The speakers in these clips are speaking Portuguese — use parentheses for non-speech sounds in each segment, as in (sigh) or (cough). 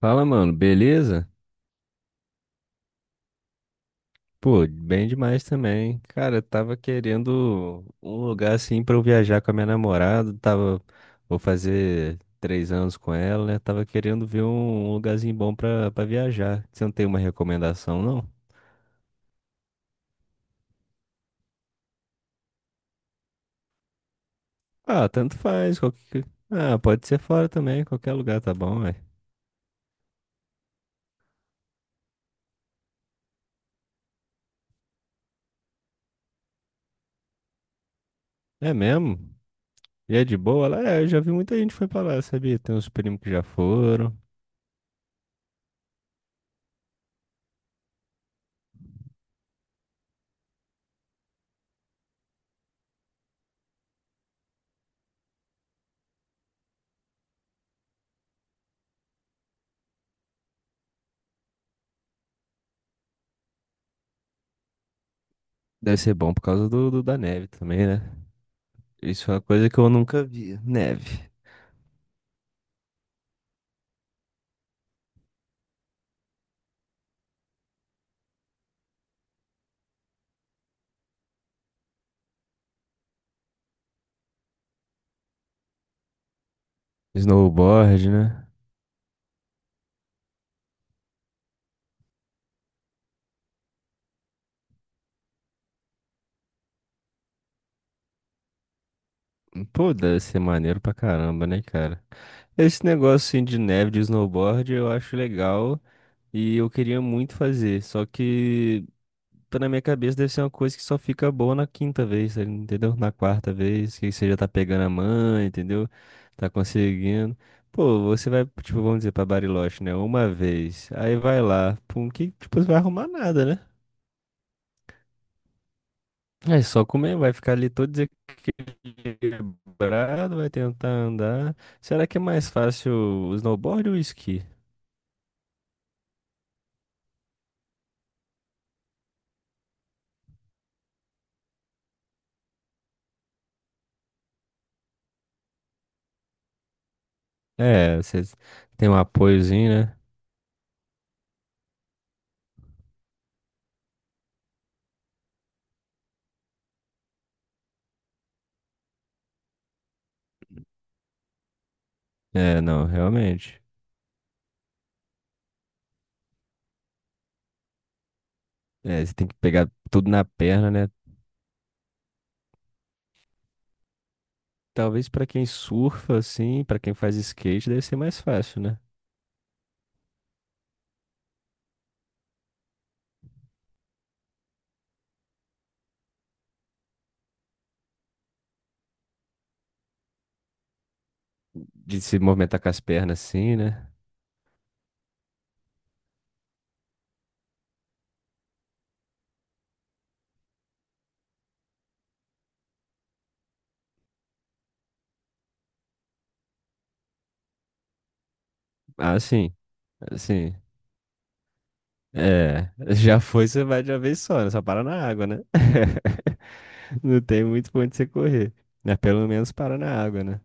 Fala, mano, beleza? Pô, bem demais também. Cara, eu tava querendo um lugar assim pra eu viajar com a minha namorada. Vou fazer 3 anos com ela, né? Tava querendo ver um lugarzinho bom pra viajar. Você não tem uma recomendação, não? Ah, tanto faz. Qualquer. Ah, pode ser fora também, qualquer lugar tá bom, ué. É mesmo? E é de boa? Lá, é, eu já vi muita gente que foi pra lá, sabia? Tem uns primos que já foram. Deve ser bom por causa da neve também, né? Isso é uma coisa que eu nunca vi. Neve. Snowboard, né? Pô, deve ser maneiro pra caramba, né, cara? Esse negócio assim, de neve, de snowboard, eu acho legal e eu queria muito fazer. Só que, tá na minha cabeça, deve ser uma coisa que só fica boa na quinta vez, sabe? Entendeu? Na quarta vez, que você já tá pegando a mãe, entendeu? Tá conseguindo. Pô, você vai, tipo, vamos dizer, pra Bariloche, né? Uma vez. Aí vai lá. Pum, que, tipo, você vai arrumar nada, né? É só comer, vai ficar ali todo quebrado, vai tentar andar. Será que é mais fácil o snowboard ou o esqui? É, você tem um apoiozinho, né? É, não, realmente. É, você tem que pegar tudo na perna, né? Talvez pra quem surfa assim, pra quem faz skate, deve ser mais fácil, né? De se movimentar com as pernas assim, né? Ah, sim. Assim, é, (laughs) já foi, você vai de uma vez só, né? Só para na água, né? (laughs) Não tem muito pra onde você correr, né? Pelo menos para na água, né?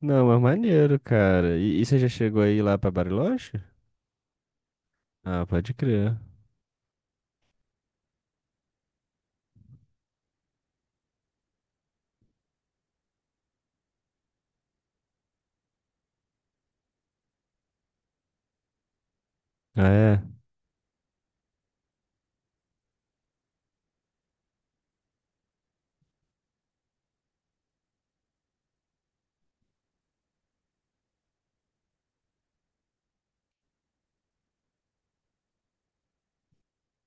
Não, é maneiro, cara. E você já chegou aí lá pra Bariloche? Ah, pode crer. Ah, é?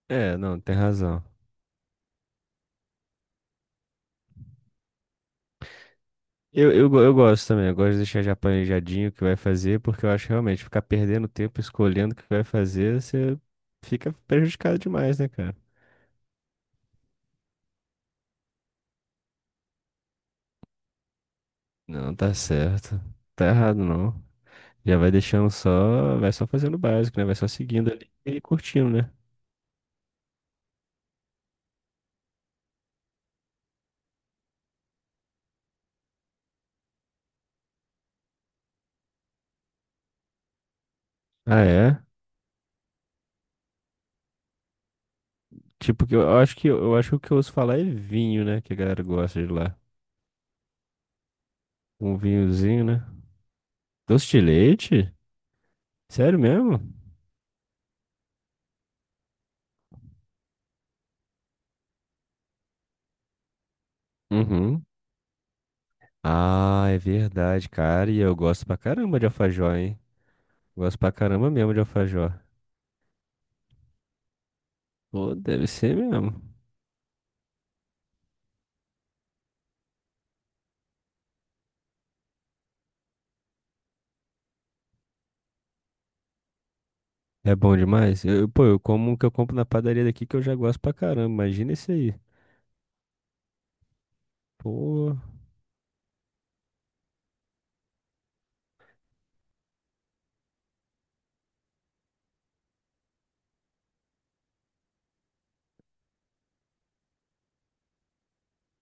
É, não, tem razão. Eu gosto também, eu gosto de deixar já planejadinho o que vai fazer, porque eu acho que realmente ficar perdendo tempo escolhendo o que vai fazer, você fica prejudicado demais, né, cara? Não, tá certo. Tá errado, não. Já vai deixando só, vai só fazendo o básico, né? Vai só seguindo ali e curtindo, né? Ah, é? Tipo, que eu acho que o que eu ouço falar é vinho, né? Que a galera gosta de lá. Um vinhozinho, né? Doce de leite? Sério mesmo? Uhum. Ah, é verdade, cara. E eu gosto pra caramba de alfajor, hein? Gosto pra caramba mesmo de alfajor. Pô, deve ser mesmo. É bom demais. Pô, eu como o que eu compro na padaria daqui que eu já gosto pra caramba. Imagina esse aí. Pô,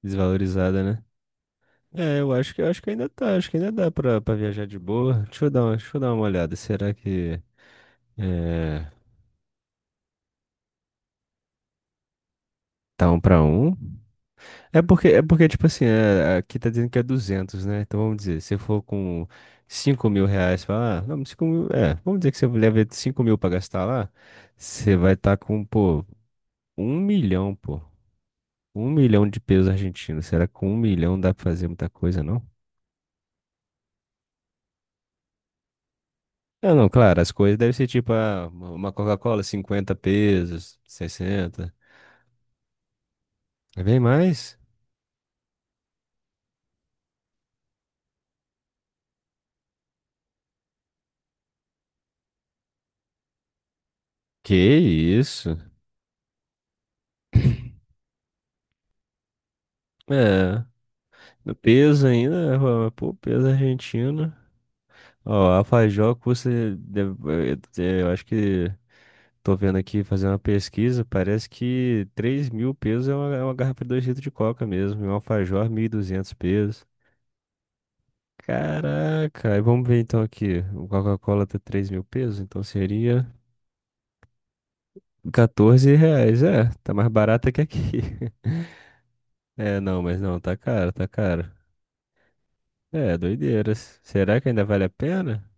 desvalorizada, né? É, eu acho que ainda tá, acho que ainda dá pra viajar de boa. Deixa eu dar uma olhada. Será que é, tá um pra um? É porque, tipo assim, aqui tá dizendo que é 200, né? Então vamos dizer, se for com 5.000 reais, fala, ah, não, 5 mil, é, vamos dizer que você leva 5.000 pra gastar lá, você vai estar com, pô, 1 milhão, pô, um milhão de pesos argentinos. Será que com 1 milhão dá pra fazer muita coisa, não? Não, não, claro, as coisas devem ser tipo ah, uma Coca-Cola, 50 pesos, 60. É bem mais. Que isso? É, no peso ainda, pô, peso argentino. Ó, a Fajó custa, deve- eu acho que tô vendo aqui, fazendo uma pesquisa, parece que 3.000 pesos é uma garrafa de 2 litros de coca mesmo, e um alfajor 1.200 pesos. Caraca, aí vamos ver então aqui, o Coca-Cola tá 3.000 pesos, então seria R$ 14, é, tá mais barata que aqui. (laughs) É, não, mas não, tá caro, tá caro. É, doideiras. Será que ainda vale a pena?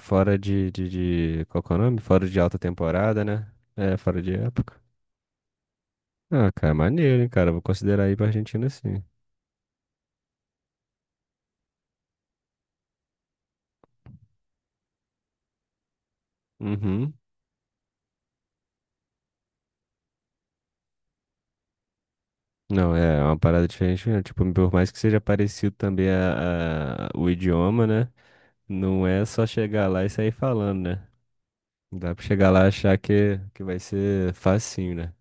Fora de, qual que é o nome? Fora de alta temporada, né? É, fora de época. Ah, cara, maneiro, hein, cara. Vou considerar aí pra Argentina sim. Uhum. Não, é uma parada diferente, né? Tipo, por mais que seja parecido também a, o idioma, né? Não é só chegar lá e sair falando, né? Dá pra chegar lá e achar que vai ser facinho, né?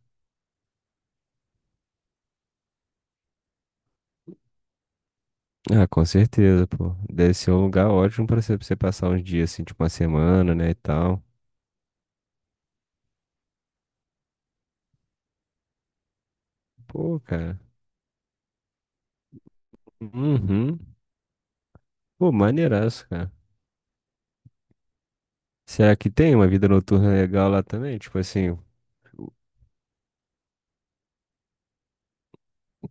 Ah, com certeza, pô. Deve ser um lugar ótimo pra você passar uns dias, assim, tipo uma semana, né, e tal. Pô, cara. Uhum. Pô, maneiraço, cara. Será que tem uma vida noturna legal lá também? Tipo assim,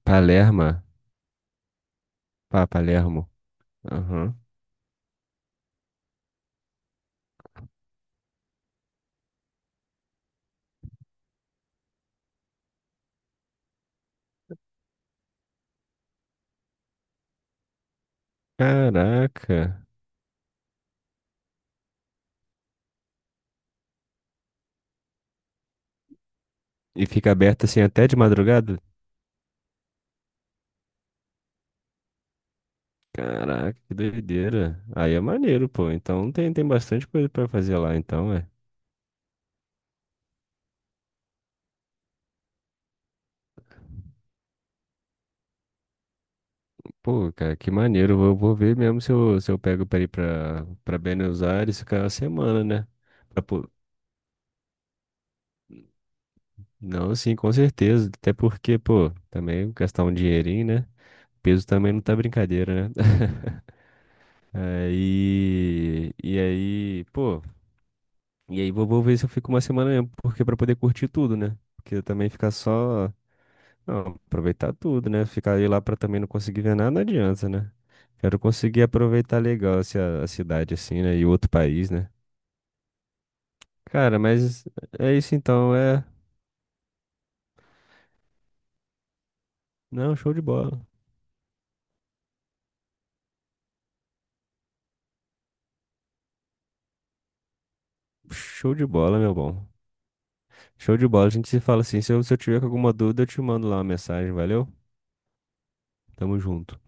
Palermo. Pá, Palermo. Aham. Caraca. E fica aberto assim até de madrugada? Caraca, que doideira. Aí é maneiro, pô. Então tem bastante coisa pra fazer lá, então, é. Pô, cara, que maneiro. Eu vou ver mesmo se eu pego pra ir pra Buenos Aires ficar uma semana, né? Pra po- Não, sim, com certeza. Até porque, pô, também gastar um dinheirinho, né? Peso também não tá brincadeira, né? (laughs) Aí. E aí, pô. E aí vou ver se eu fico uma semana mesmo, porque pra poder curtir tudo, né? Porque também ficar só. Não, aproveitar tudo, né? Ficar aí lá pra também não conseguir ver nada, não adianta, né? Quero conseguir aproveitar legal assim, a cidade, assim, né? E outro país, né? Cara, mas é isso então, é. Não, show de bola. Show de bola, meu bom. Show de bola. A gente se fala assim. Se eu tiver com alguma dúvida, eu te mando lá uma mensagem, valeu? Tamo junto.